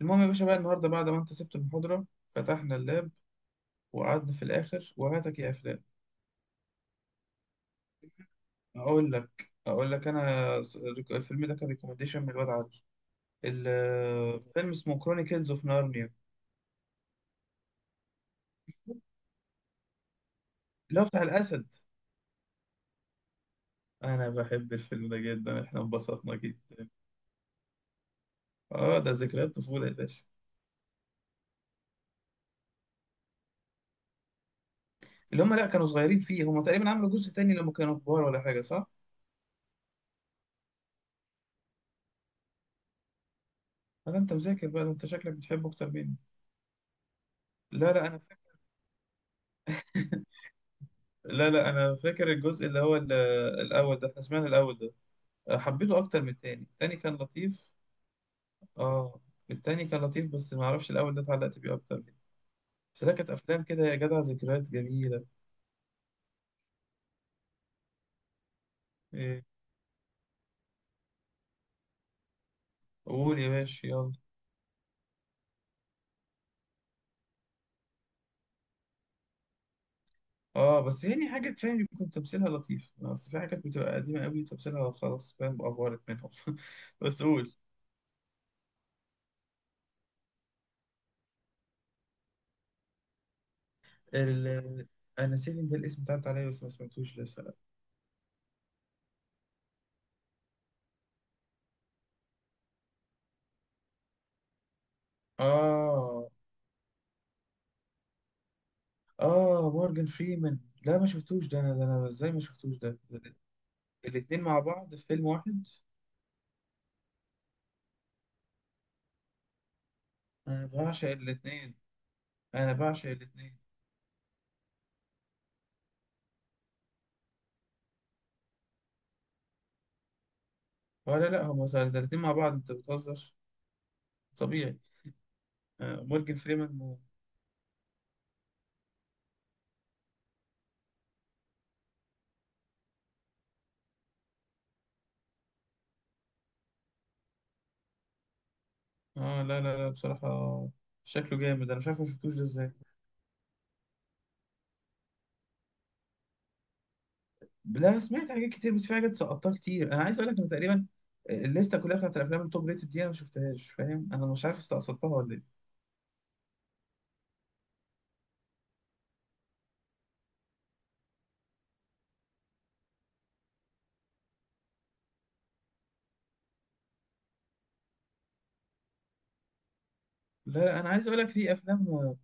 المهم يا باشا بقى النهارده بعد ما انت سبت المحاضرة، فتحنا اللاب وقعدنا في الآخر وهاتك يا أفلام. أقول لك أنا الفيلم ده كان ريكومنديشن من الواد علي. الفيلم اسمه كرونيكلز اوف نارنيا، اللي هو بتاع الأسد. أنا بحب الفيلم ده جدا، إحنا انبسطنا جدا. آه ده ذكريات طفولة يا باشا. اللي هم لأ كانوا صغيرين فيه، هم تقريبا عملوا جزء تاني لما كانوا كبار ولا حاجة صح؟ هذا أنت مذاكر بقى، ده أنت شكلك بتحبه أكتر مني. لا لا أنا فاكر. لا لا أنا فاكر الجزء اللي هو الأول ده، إحنا سمعنا الأول ده. حبيته اكتر من التاني، التاني كان لطيف. اه، التاني كان لطيف بس ما اعرفش الاول ده اتعلقت بيه اكتر منه. بس ده كانت افلام كده يا جدع، ذكريات جميله. إيه. قول يا باشا يلا. اه بس يعني حاجات فاهم بيكون تمثيلها لطيف، آه، اصل في حاجات بتبقى قديمه قوي تمثيلها خلاص فاهم افورت منهم. بس قول. ال... انا نسيت ان ده الاسم بتاعت عليا بس ما سمعتوش لسه لا. اه اه مورجان فريمان. لا ما شفتوش ده، انا ده، انا ازاي ما شفتوش ده؟ الاتنين مع بعض في فيلم واحد! انا بعشق الاثنين. انا بعشق الاثنين. ولا لا، هم الاثنين مع بعض؟ انت بتهزر. طبيعي. آه، مورجان فريمان و... اه لا لا لا بصراحة، شكله جامد، انا مش عارف ما شفتوش ده ازاي. لا انا سمعت حاجات كتير بس في حاجات سقطتها كتير. انا عايز اقول لك ان تقريبا الليسته كلها بتاعت الافلام التوب ريتد دي انا ما شفتهاش، فاهم؟ انا مش عارف استقصدتها ولا ايه. لا لا، انا عايز اقول لك، في افلام،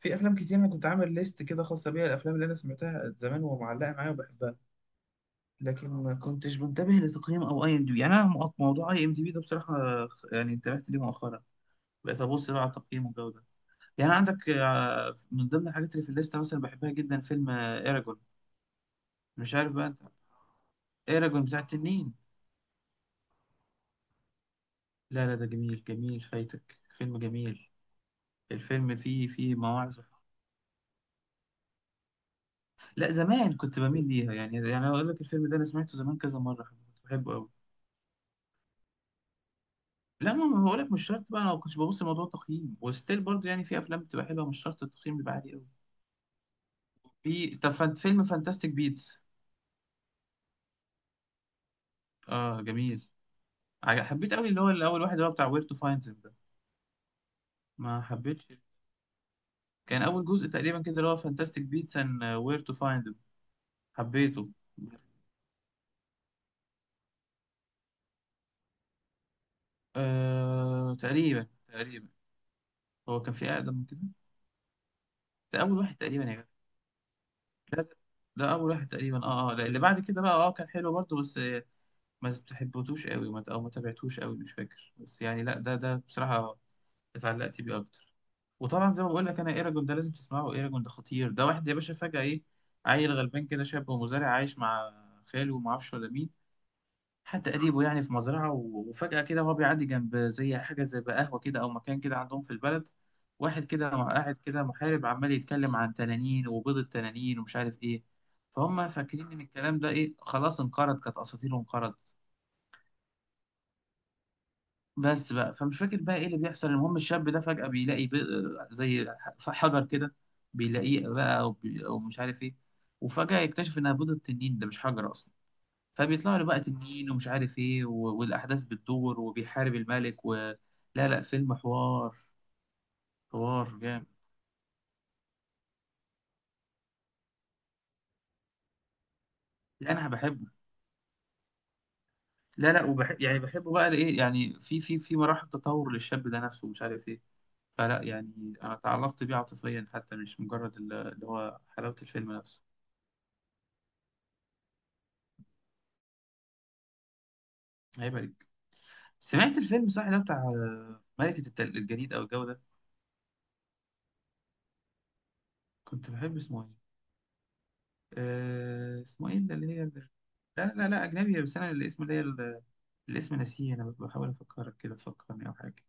في افلام كتير انا كنت عامل ليست كده خاصه بيها، الافلام اللي انا سمعتها زمان ومعلقه معايا وبحبها. لكن ما كنتش منتبه لتقييم او اي ام دي بي. يعني انا موضوع اي ام دي بي ده بصراحه يعني انتبهت ليه مؤخرا، بقيت ابص بقى على التقييم والجو ده. يعني عندك آه، من ضمن الحاجات اللي في الليسته مثلا بحبها جدا فيلم ايراجون. مش عارف بقى انت. ايراجون بتاع التنين. لا لا ده جميل، جميل، فايتك فيلم جميل. الفيلم فيه، فيه مواعظ. لا زمان كنت بميل ليها يعني، يعني اقول لك الفيلم ده انا سمعته زمان كذا مره كنت بحبه قوي. لا ما بقول لك مش شرط بقى، انا ما كنتش ببص لموضوع التقييم، وستيل برضه يعني في افلام بتبقى حلوه مش شرط التقييم بيبقى عالي قوي. في، طب فيلم فانتاستيك بيتس. اه جميل. حبيت قوي اللي هو الاول واحد اللي هو بتاع وير تو فايند ده. ما حبيتش، كان اول جزء تقريبا كده اللي هو فانتاستيك بيتس اند وير تو فايند، حبيته. آه تقريبا تقريبا. هو كان في اقدم من كده. ده اول واحد تقريبا يا جدع ده. ده اول واحد تقريبا، اه اه لا، اللي بعد كده بقى اه كان حلو برضه بس ما بتحبتوش قوي، او ما تابعتوش قوي، مش فاكر. بس يعني لا ده، ده بصراحه اتعلقت بيه اكتر. وطبعا زي ما بقول لك انا ايراجون ده لازم تسمعه، ايراجون ده خطير. ده واحد يا باشا فجاه ايه، عيل غلبان كده، شاب ومزارع عايش مع خاله وما اعرفش ولا مين، حتى قريبه، يعني في مزرعه وفجاه كده وهو بيعدي جنب زي حاجه زي بقى قهوه كده او مكان كده عندهم في البلد، واحد كده قاعد كده محارب عمال يتكلم عن تنانين وبيض التنانين ومش عارف ايه. فهم فاكرين ان الكلام ده ايه خلاص انقرض، كانت اساطيره انقرضت بس بقى. فمش فاكر بقى ايه اللي بيحصل، المهم الشاب ده فجأة بيلاقي ب... زي حجر كده. بيلاقيه بقى او، بي... أو مش عارف ايه. وفجأة يكتشف انها بيضة تنين، ده مش حجر اصلا. فبيطلع له بقى تنين ومش عارف ايه و... والاحداث بتدور وبيحارب الملك و... لا لا فيلم حوار، حوار جامد. لا، انا بحبه. لا لا وبح... يعني بحبه بقى لايه، يعني في في مراحل تطور للشاب ده نفسه ومش عارف ايه. فلا يعني انا تعلقت بيه عاطفيا حتى، مش مجرد اللي هو حلاوة الفيلم نفسه. هيبقى. سمعت الفيلم صح، ده بتاع آه، ملكة الجليد أو الجو ده؟ كنت بحب اسمه إيه؟ آه، اسمه إيه اللي اللي هي لا، لا لا لا، أجنبي بس أنا الاسم، اللي هي الاسم ناسيه. أنا بحاول أفكرك كده تفكرني أو حاجة.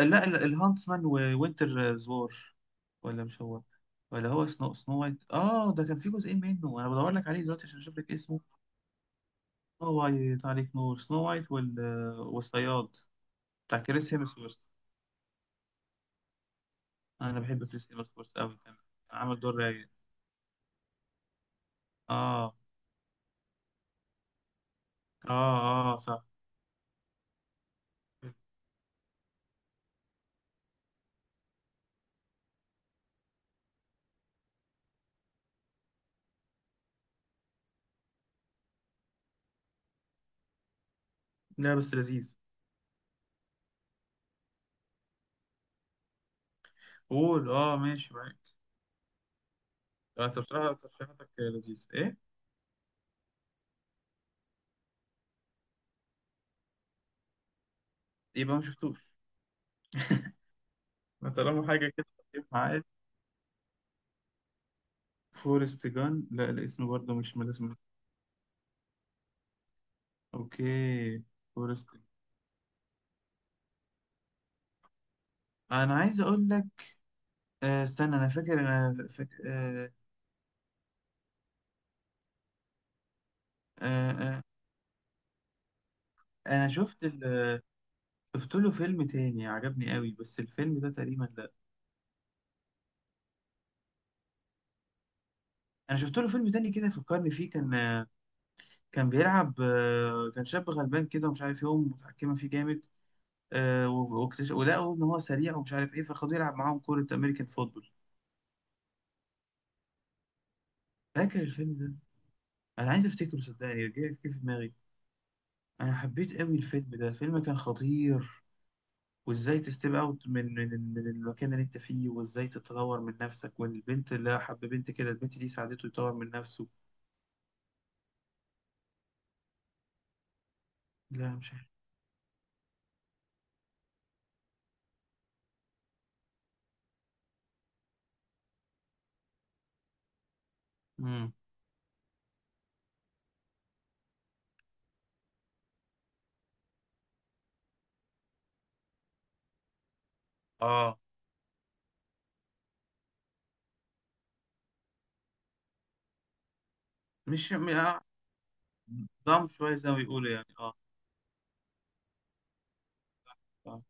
لا الهانتسمان ووينتر آه، زوار. ولا مش هو، ولا هو سنو، سنو وايت آه، ده كان في جزئين منه. أنا بدور لك عليه دلوقتي عشان أشوف لك اسمه. سنو وايت عليك نور، سنو وايت آه، والصياد. بتاع كريس هيمسورث. أنا بحب كريس هيمسورث أوي. كان كان عامل دور رايق. آه. اه اه صح. لا بس لذيذ. قول اه ماشي معاك. آه، انت بصراحة ترشيحاتك لذيذ ايه. يبقى ما شفتوش. ما طالما حاجة كده خفيف معايا. فورست جان، لا الاسم برضه مش من الاسم. اوكي. فورست جان. انا عايز اقول لك، آه استنى، انا فاكر آه آه آه. انا شفت ال... شفت له فيلم تاني عجبني قوي بس الفيلم ده تقريبا لا. انا شفت له فيلم تاني كده فكرني فيه، كان آه، كان بيلعب آه، كان شاب غلبان كده ومش عارف يقوم متحكمة فيه جامد. آه، ولقوا ان هو سريع ومش عارف ايه، فخدوه يلعب معاهم كوره امريكان فوتبول. فاكر الفيلم ده؟ انا عايز افتكره، صدقني رجع كيف في دماغي. انا حبيت قوي الفيلم ده، الفيلم كان خطير. وازاي تستيب اوت من من المكان اللي انت فيه وازاي تتطور من نفسك. والبنت اللي حب بنت كده، البنت دي ساعدته يطور من نفسه. لا مش عارف. امم اه مش م- آه. ضم شويه زي ما بيقولوا يعني، اه اه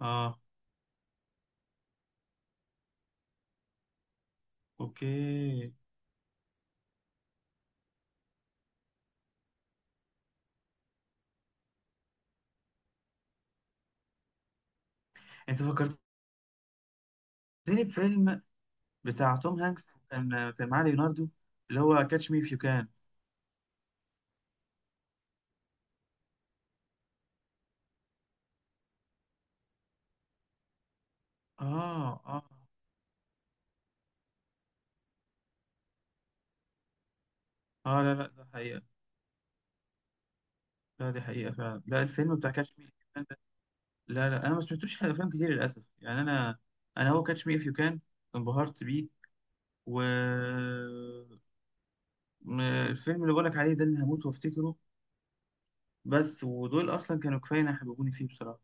اه اوكي. انت فكرتني بفيلم بتاع توم هانكس، كان كان معاه ليوناردو، اللي هو كاتش مي اف يو كان. اه اه اه. لا لا ده حقيقة. لا دي حقيقة فعلا. لا الفيلم بتاع كاتش مي اف يو كان ده، لا لا انا ما سمعتوش حاجة، افلام كتير للاسف يعني انا، انا هو كاتش مي اف يو كان انبهرت بيه. و الفيلم اللي بقولك عليه ده اللي هموت وافتكره. بس ودول اصلا كانوا كفايه إن يحببوني فيه بصراحة.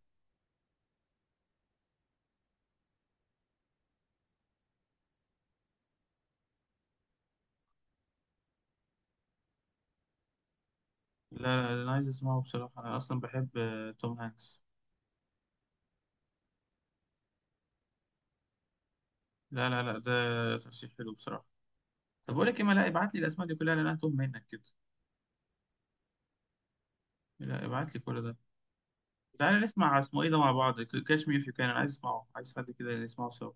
لا لا انا عايز اسمعه بصراحة، انا اصلا بحب آه، توم هانكس. لا لا لا ده ترشيح حلو بصراحة. طب بقول لك ايه، ما لا ابعت لي الاسماء دي كلها لأن انا هتوه منك كده. لا ابعت لي كل ده. تعالى نسمع اسمه ايه ده مع بعض، كاش مي في كان، انا عايز اسمعه، عايز حد كده نسمعه سوا.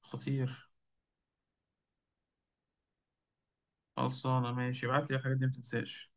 خطير. خلصانه ماشي، ابعت لي الحاجات دي ما تنساش.